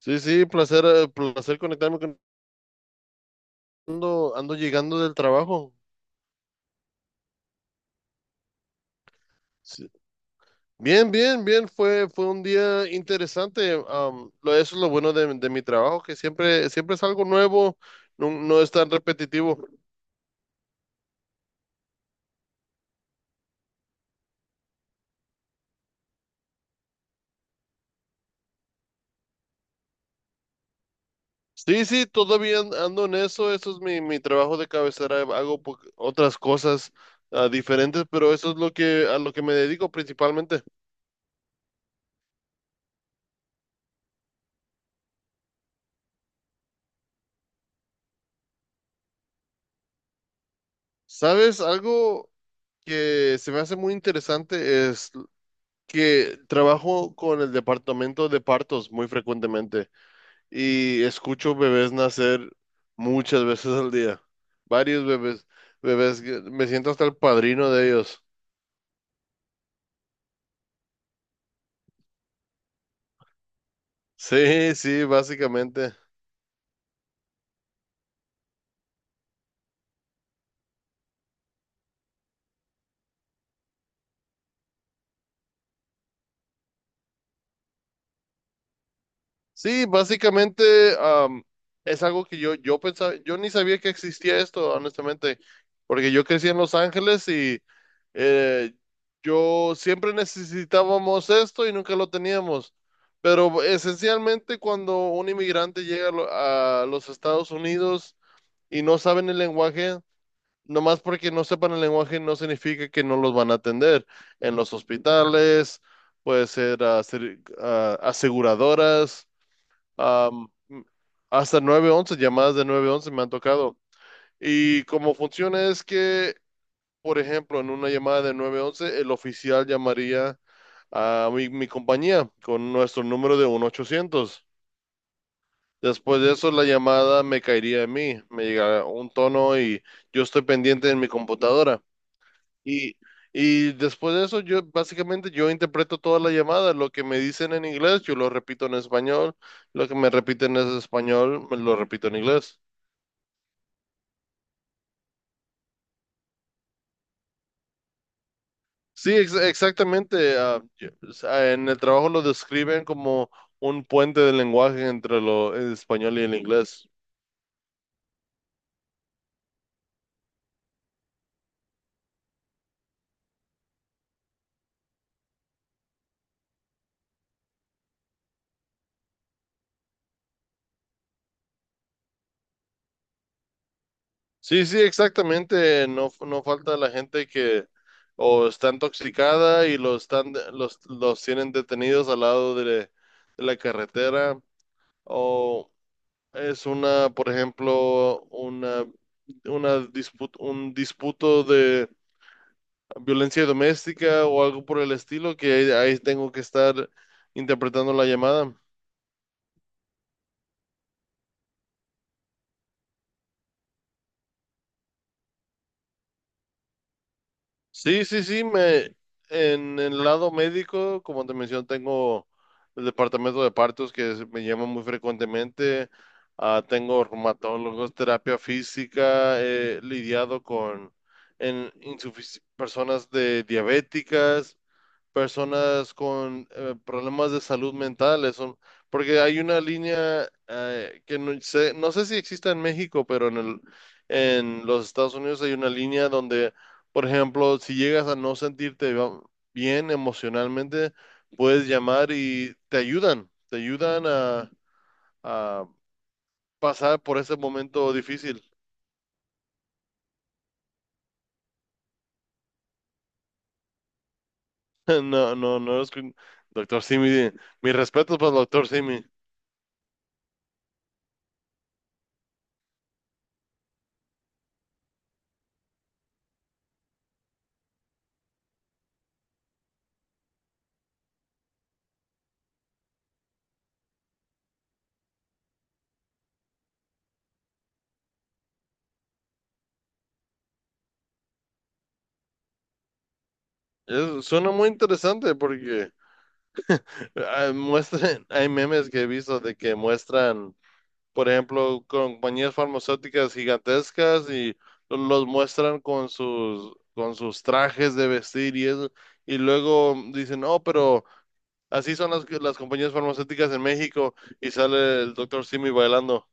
Sí, sí, placer, placer conectarme con ando llegando del trabajo. Sí. Bien, bien, bien, fue un día interesante. Eso es lo bueno de mi trabajo, que siempre es algo nuevo, no, no es tan repetitivo. Sí, sí, todavía ando en eso, eso es mi trabajo de cabecera, hago otras cosas diferentes, pero eso es a lo que me dedico principalmente. ¿Sabes? Algo que se me hace muy interesante que trabajo con el departamento de partos muy frecuentemente y escucho bebés nacer muchas veces al día. Varios bebés, bebés, me siento hasta el padrino de ellos. Sí, sí, básicamente. Sí, básicamente es algo que yo pensaba, yo ni sabía que existía esto, honestamente, porque yo crecí en Los Ángeles y eh, yo siempre necesitábamos esto y nunca lo teníamos. Pero esencialmente cuando un inmigrante llega a los Estados Unidos y no saben el lenguaje, nomás porque no sepan el lenguaje no significa que no los van a atender en los hospitales, puede ser aseguradoras. am, Hasta 911 llamadas de 911 me han tocado. Y cómo funciona es que, por ejemplo, en una llamada de 911 el oficial llamaría a mi compañía con nuestro número de 1-800. Después de eso, la llamada me caería a mí, me llegará un tono y yo estoy pendiente en mi computadora. Y, y después de eso, yo básicamente yo interpreto toda la llamada. Lo que me dicen en inglés, yo lo repito en español. Lo que me repiten en español, me lo repito en inglés. Sí, exactamente. O sea, en el trabajo lo describen como un puente de lenguaje entre el español y el inglés. Sí, sí, exactamente. No, no falta la gente que o está intoxicada y los tienen detenidos al lado de la carretera. O Es una, por ejemplo, una disputa, un disputo de violencia doméstica o algo por el estilo, que ahí tengo que estar interpretando la llamada. Sí, sí, sí, en el lado médico, como te mencioné, tengo el departamento de partos me llama muy frecuentemente. Tengo reumatólogos, terapia física, he lidiado con personas de diabéticas. Personas con problemas de salud mental, eso, porque hay una línea que no sé si existe en México, pero en los Estados Unidos hay una línea donde, por ejemplo, si llegas a no sentirte bien emocionalmente, puedes llamar y te ayudan a pasar por ese momento difícil. No, no, no. Doctor Simi, mis respetos para el doctor Simi. Suena muy interesante porque hay memes que he visto de que muestran, por ejemplo, compañías farmacéuticas gigantescas y los muestran con sus trajes de vestir y eso, y luego dicen, no, pero así son las compañías farmacéuticas en México y sale el doctor Simi bailando.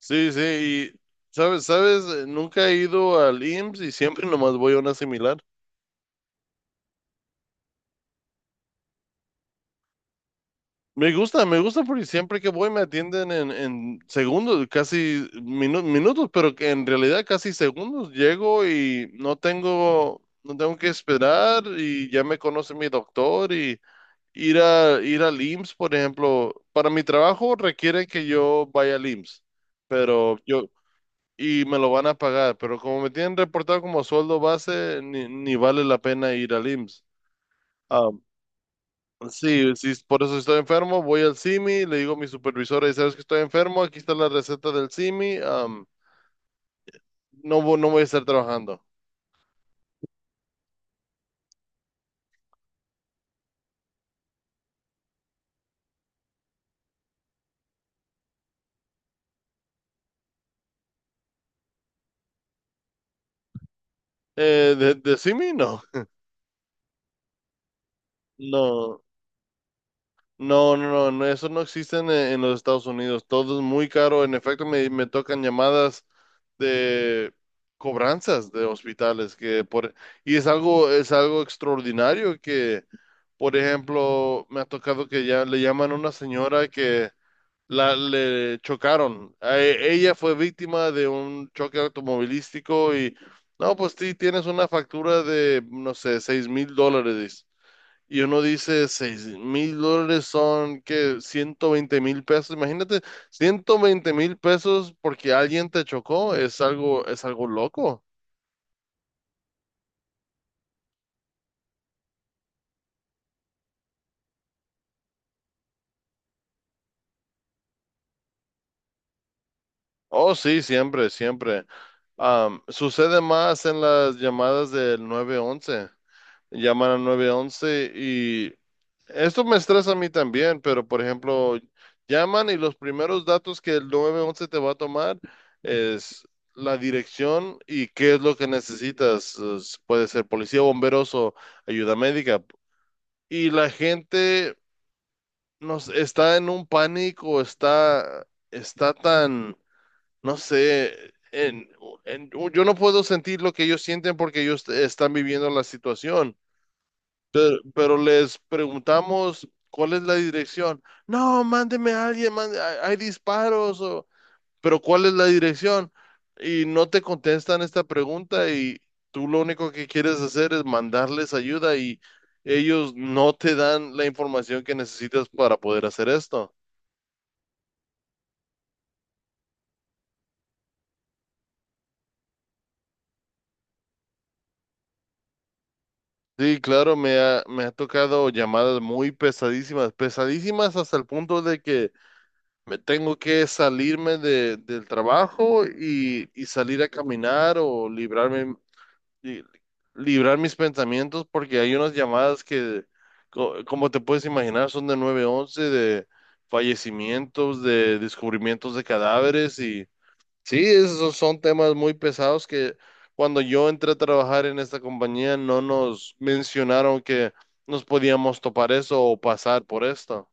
Sí, sí, y sabes, nunca he ido al IMSS y siempre nomás voy a una similar. Me gusta porque siempre que voy me atienden en segundos, casi minutos, pero que en realidad casi segundos. Llego y no tengo que esperar y ya me conoce mi doctor y ir al IMSS, por ejemplo, para mi trabajo requiere que yo vaya al IMSS, pero yo y me lo van a pagar, pero como me tienen reportado como sueldo base, ni vale la pena ir al IMSS. Sí, sí, por eso estoy enfermo, voy al simi, le digo a mi supervisora, y sabes que estoy enfermo, aquí está la receta del simi. No, no voy a estar trabajando. ¿De CIMI? No. No, no, no, no, no, eso no existe en los Estados Unidos, todo es muy caro, en efecto me tocan llamadas de cobranzas de hospitales, y es algo extraordinario que, por ejemplo, me ha tocado que ya le llaman a una señora que le chocaron. Ella fue víctima de un choque automovilístico y, no, pues sí, tienes una factura de, no sé, $6,000, dice. Y uno dice, $6,000 son, que 120,000 pesos. Imagínate, 120,000 pesos porque alguien te chocó. Es algo loco. Oh, sí, siempre, siempre. Sucede más en las llamadas del 911, llaman a once y esto me estresa a mí también, pero por ejemplo, llaman y los primeros datos que el 911 te va a tomar es la dirección y qué es lo que necesitas. Puede ser policía, bomberos o ayuda médica. Y la gente nos está en un pánico, está tan, no sé, yo no puedo sentir lo que ellos sienten porque ellos están viviendo la situación, pero les preguntamos cuál es la dirección. No, mándeme a alguien, hay disparos, pero ¿cuál es la dirección? Y no te contestan esta pregunta y tú lo único que quieres hacer es mandarles ayuda y ellos no te dan la información que necesitas para poder hacer esto. Sí, claro, me ha tocado llamadas muy pesadísimas, pesadísimas hasta el punto de que me tengo que salirme del trabajo y salir a caminar o librarme, li- librar mis pensamientos porque hay unas llamadas que, como te puedes imaginar, son de 911 de fallecimientos, de descubrimientos de cadáveres y sí, esos son temas muy pesados que cuando yo entré a trabajar en esta compañía no nos mencionaron que nos podíamos topar eso o pasar por esto.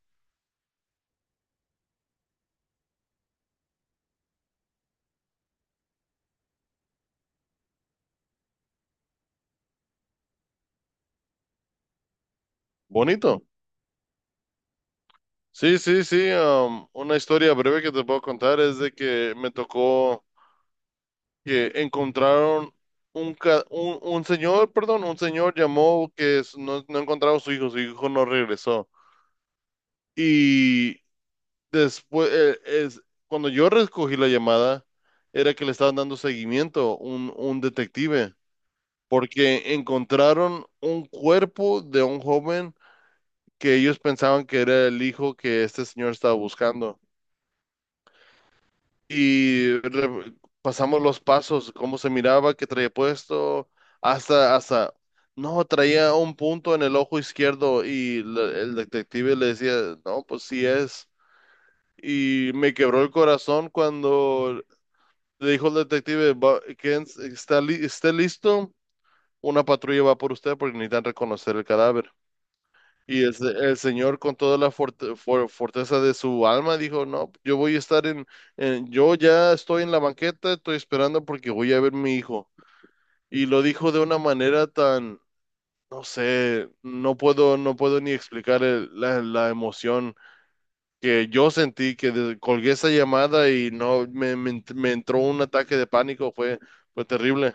Bonito. Sí, sí, sí. Una historia breve que te puedo contar es de que me tocó que encontraron un señor, perdón, un señor llamó que no, no encontraba a su hijo no regresó. Y después, cuando yo recogí la llamada, era que le estaban dando seguimiento un detective, porque encontraron un cuerpo de un joven que ellos pensaban que era el hijo que este señor estaba buscando. Y pasamos los pasos, cómo se miraba, qué traía puesto, hasta, no, traía un punto en el ojo izquierdo y el detective le decía, no, pues sí es. Y me quebró el corazón cuando le dijo el detective, ¿Esté listo? Una patrulla va por usted porque necesitan reconocer el cadáver". Y el señor con toda la fortaleza de su alma dijo, no, yo voy a estar, yo ya estoy en la banqueta, estoy esperando porque voy a ver mi hijo. Y lo dijo de una manera tan, no sé, no puedo ni explicar la emoción que yo sentí, que colgué esa llamada y no, me entró un ataque de pánico, fue terrible.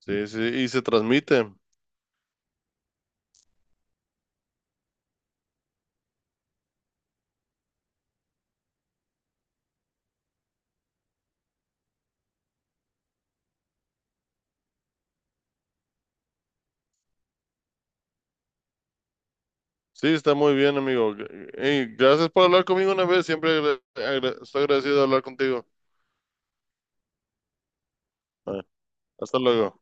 Sí, sí, y se transmite. Sí, está muy bien, amigo. Ey, gracias por hablar conmigo una vez. Siempre estoy agradecido de hablar contigo. Ah, Hasta luego.